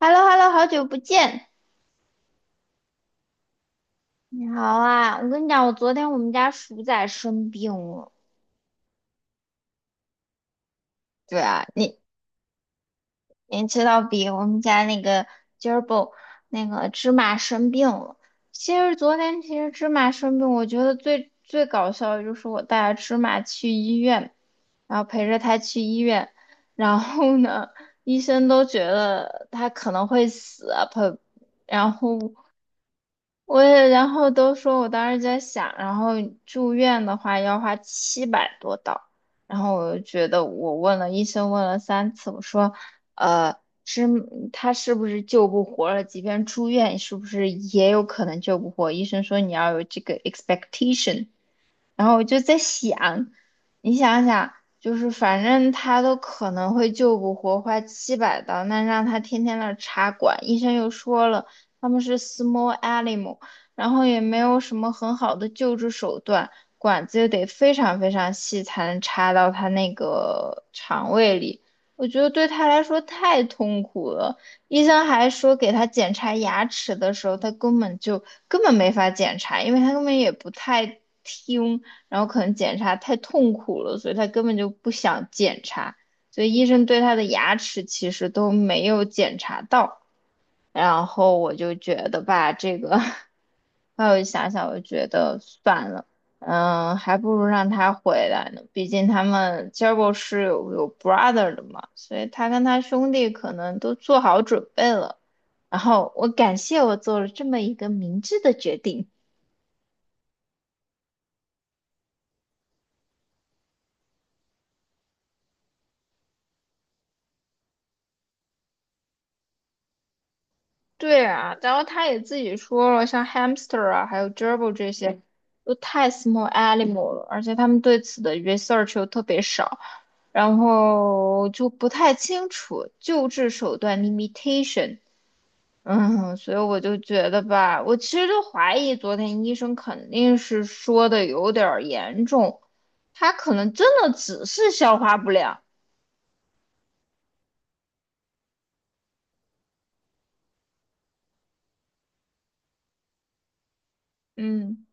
h e l l o h e l l o 好久不见，你好啊！我跟你讲，我昨天我们家鼠仔生病了。对啊，你知道比我们家那个 g e r b i 那个芝麻生病了。其实昨天其实芝麻生病，我觉得最搞笑的就是我带着芝麻去医院，然后陪着他去医院，然后呢，医生都觉得他可能会死啊，陪，然后。我也，然后都说我当时在想，然后住院的话要花700多刀，然后我就觉得我问了医生问了3次，我说，呃，是他是不是救不活了？即便住院，是不是也有可能救不活？医生说你要有这个 expectation，然后我就在想，你想想，就是反正他都可能会救不活，花700刀，那让他天天那儿插管，医生又说了，他们是 small animal，然后也没有什么很好的救治手段，管子又得非常非常细才能插到他那个肠胃里。我觉得对他来说太痛苦了。医生还说，给他检查牙齿的时候，他根本没法检查，因为他根本也不太听。然后可能检查太痛苦了，所以他根本就不想检查，所以医生对他的牙齿其实都没有检查到。然后我就觉得吧，这个，后来我就想想，我就觉得算了，嗯，还不如让他回来呢。毕竟他们 j e r b i l 是有 brother 的嘛，所以他跟他兄弟可能都做好准备了。然后我感谢我做了这么一个明智的决定。对啊，然后他也自己说了，像 hamster 啊，还有 gerbil 这些，都太 small animal 了，而且他们对此的 research 又特别少，然后就不太清楚救治手段 limitation。嗯，所以我就觉得吧，我其实就怀疑昨天医生肯定是说的有点儿严重，他可能真的只是消化不良。嗯。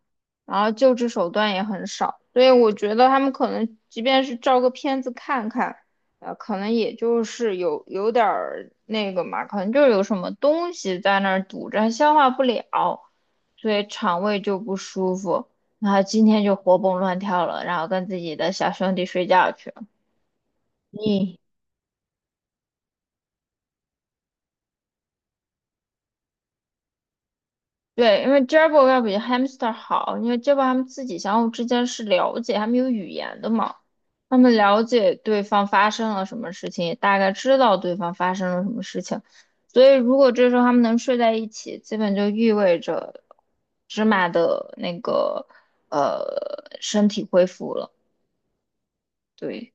然后救治手段也很少，所以我觉得他们可能即便是照个片子看看，可能也就是有点儿那个嘛，可能就是有什么东西在那儿堵着，它消化不了，所以肠胃就不舒服，然后今天就活蹦乱跳了，然后跟自己的小兄弟睡觉去了。你对，因为 Jabber 要比 Hamster 好，因为 Jabber 他们自己相互之间是了解，他们有语言的嘛，他们了解对方发生了什么事情，也大概知道对方发生了什么事情，所以如果这时候他们能睡在一起，基本就意味着芝麻的那个呃身体恢复了，对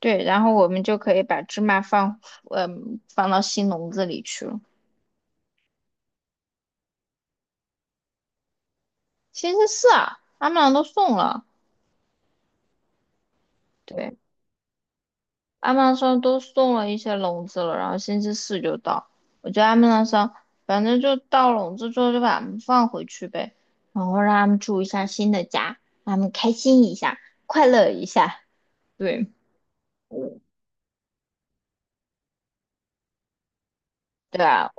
对，然后我们就可以把芝麻放嗯、放到新笼子里去了。星期四啊，他们俩都送了。对。阿曼上都送了一些笼子了，然后星期四就到。我觉得阿曼上反正就到笼子之后就把它们放回去呗，然后让他们住一下新的家，让他们开心一下，快乐一下。对，对啊，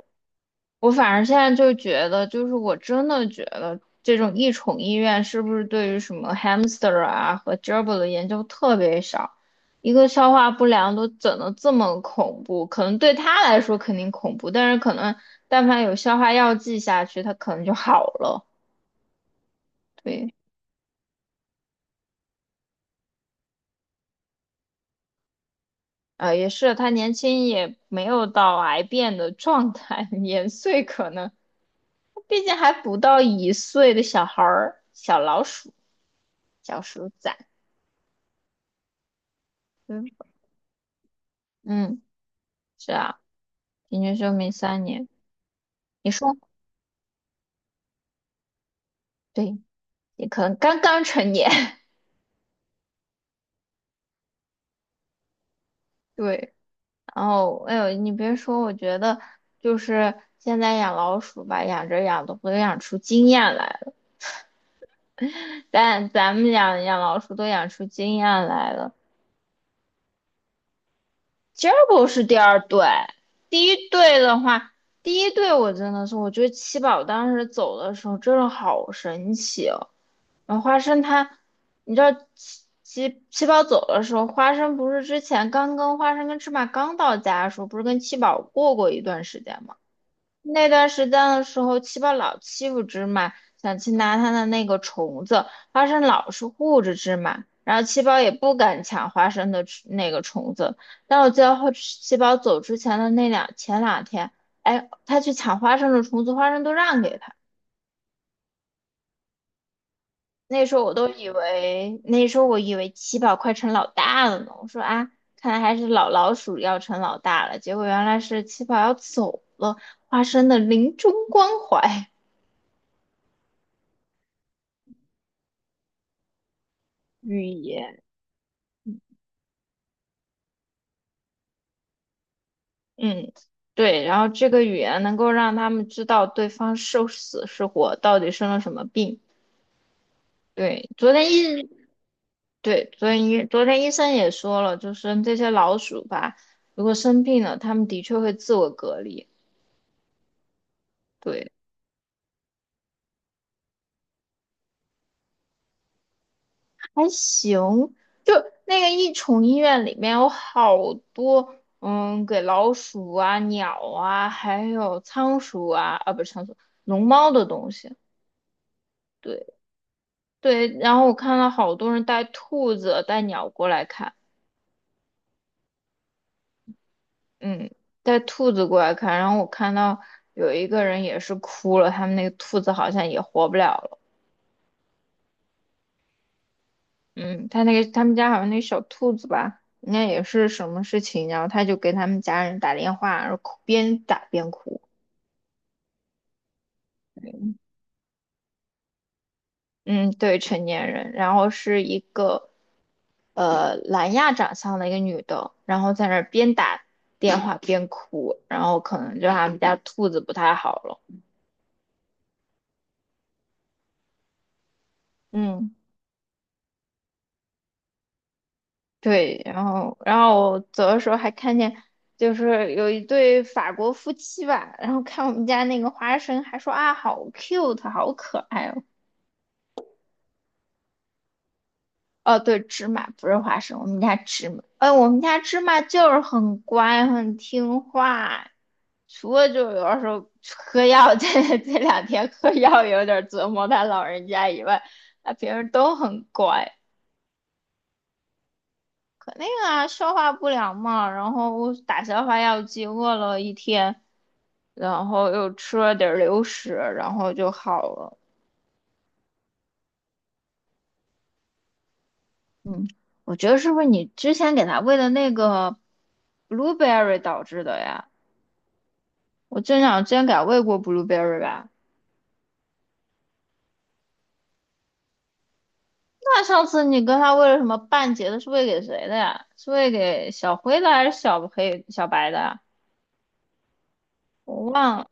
我反而现在就觉得，就是我真的觉得这种异宠医院是不是对于什么 hamster 啊和 gerbil 的研究特别少？一个消化不良都整得这么恐怖，可能对他来说肯定恐怖，但是可能但凡有消化药剂下去，他可能就好了。对，啊也是，他年轻也没有到癌变的状态，年岁可能，毕竟还不到一岁的小孩儿，小老鼠，小鼠崽，嗯嗯。是啊，平均寿命3年。你说，对，你可能刚刚成年。对，然后哎呦，你别说，我觉得就是现在养老鼠吧，养着养着都养出经验来了。但咱们养养老鼠都养出经验来了，g e r 是第2队，第一队的话，第一队我真的是，我觉得七宝当时走的时候真的好神奇哦。然后花生他，你知道七宝走的时候，花生不是之前刚跟花生跟芝麻刚到家的时候，不是跟七宝过过一段时间吗？那段时间的时候，七宝老欺负芝麻，想去拿他的那个虫子，花生老是护着芝麻，然后七宝也不敢抢花生的吃那个虫子。但我记得后七宝走之前的那两前两天，哎，他去抢花生的虫子，花生都让给他。那时候我都以为，那时候我以为七宝快成老大了呢。我说啊，看来还是老老鼠要成老大了。结果原来是七宝要走了，花生的临终关怀。寓意。嗯，对，然后这个语言能够让他们知道对方是死是活，到底生了什么病。对，昨天医，对，昨天医，昨天医生也说了，就是这些老鼠吧，如果生病了，它们的确会自我隔离。对，还行，就那个益宠医院里面有好多，嗯，给老鼠啊、鸟啊，还有仓鼠啊，啊，不是仓鼠，龙猫的东西。对。对，然后我看到好多人带兔子、带鸟过来看，嗯，带兔子过来看，然后我看到有一个人也是哭了，他们那个兔子好像也活不了了，嗯，他那个他们家好像那小兔子吧，应该也是什么事情，然后他就给他们家人打电话，然后哭边打边哭，嗯，对，成年人，然后是一个南亚长相的一个女的，然后在那儿边打电话边哭，然后可能就他们家兔子不太好了。嗯，对，然后我走的时候还看见，就是有一对法国夫妻吧，然后看我们家那个花生，还说啊好 cute，好可爱哦。哦，对，芝麻不是花生，我们家芝麻，哎，我们家芝麻就是很乖，很听话，除了就有的时候喝药，这两天喝药有点折磨他老人家以外，他平时都很乖。肯定啊，消化不良嘛，然后打消化药剂，饿了一天，然后又吃了点儿流食，然后就好了。嗯，我觉得是不是你之前给它喂的那个 blueberry 导致的呀？我真想之前给它喂过 blueberry 吧？那上次你跟它喂了什么半截的？是喂给谁的呀？是喂给小灰的还是小黑、小白的呀我忘了。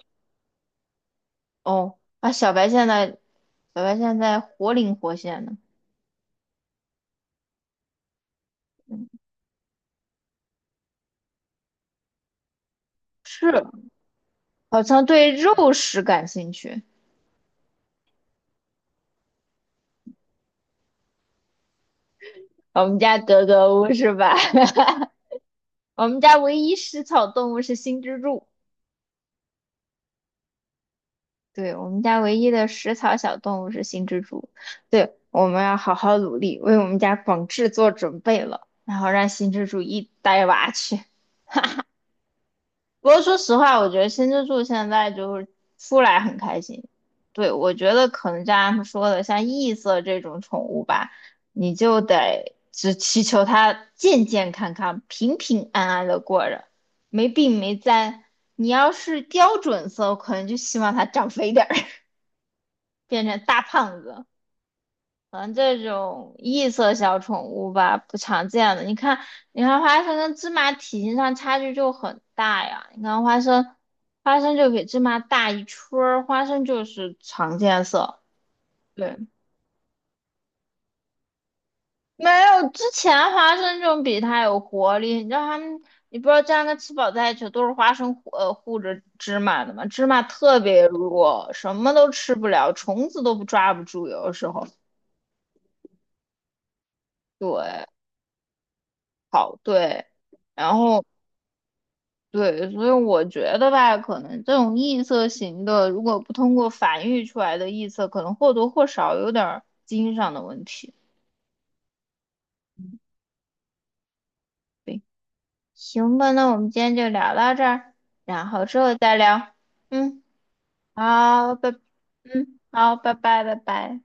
哦，啊，小白现在，小白现在活灵活现的。是。好像对肉食感兴趣。我们家格格巫是吧？我们家唯一食草动物是新蜘蛛。对，我们家唯一的食草小动物是新蜘蛛。对，我们要好好努力，为我们家广志做准备了，然后让新蜘蛛一带娃去。不过说实话，我觉得新之助现在就是出来很开心。对，我觉得可能就像他们说的，像异色这种宠物吧，你就得只祈求它健健康康、平平安安的过着，没病没灾。你要是标准色，我可能就希望它长肥点儿，变成大胖子。嗯，这种异色小宠物吧，不常见的。你看，你看花生跟芝麻体型上差距就很大呀。你看花生，花生就比芝麻大一圈儿，花生就是常见色。对，没有之前花生就比它有活力。你知道它们，你不知道这样跟吃饱在一起都是花生护着芝麻的嘛？芝麻特别弱，什么都吃不了，虫子都不抓不住，有的时候。对，好，对，然后。对，所以我觉得吧，可能这种异色型的，如果不通过繁育出来的异色，可能或多或少有点儿基因上的问题。对，行吧，那我们今天就聊到这儿，然后之后再聊。嗯，好，拜，嗯，好，拜拜，拜拜。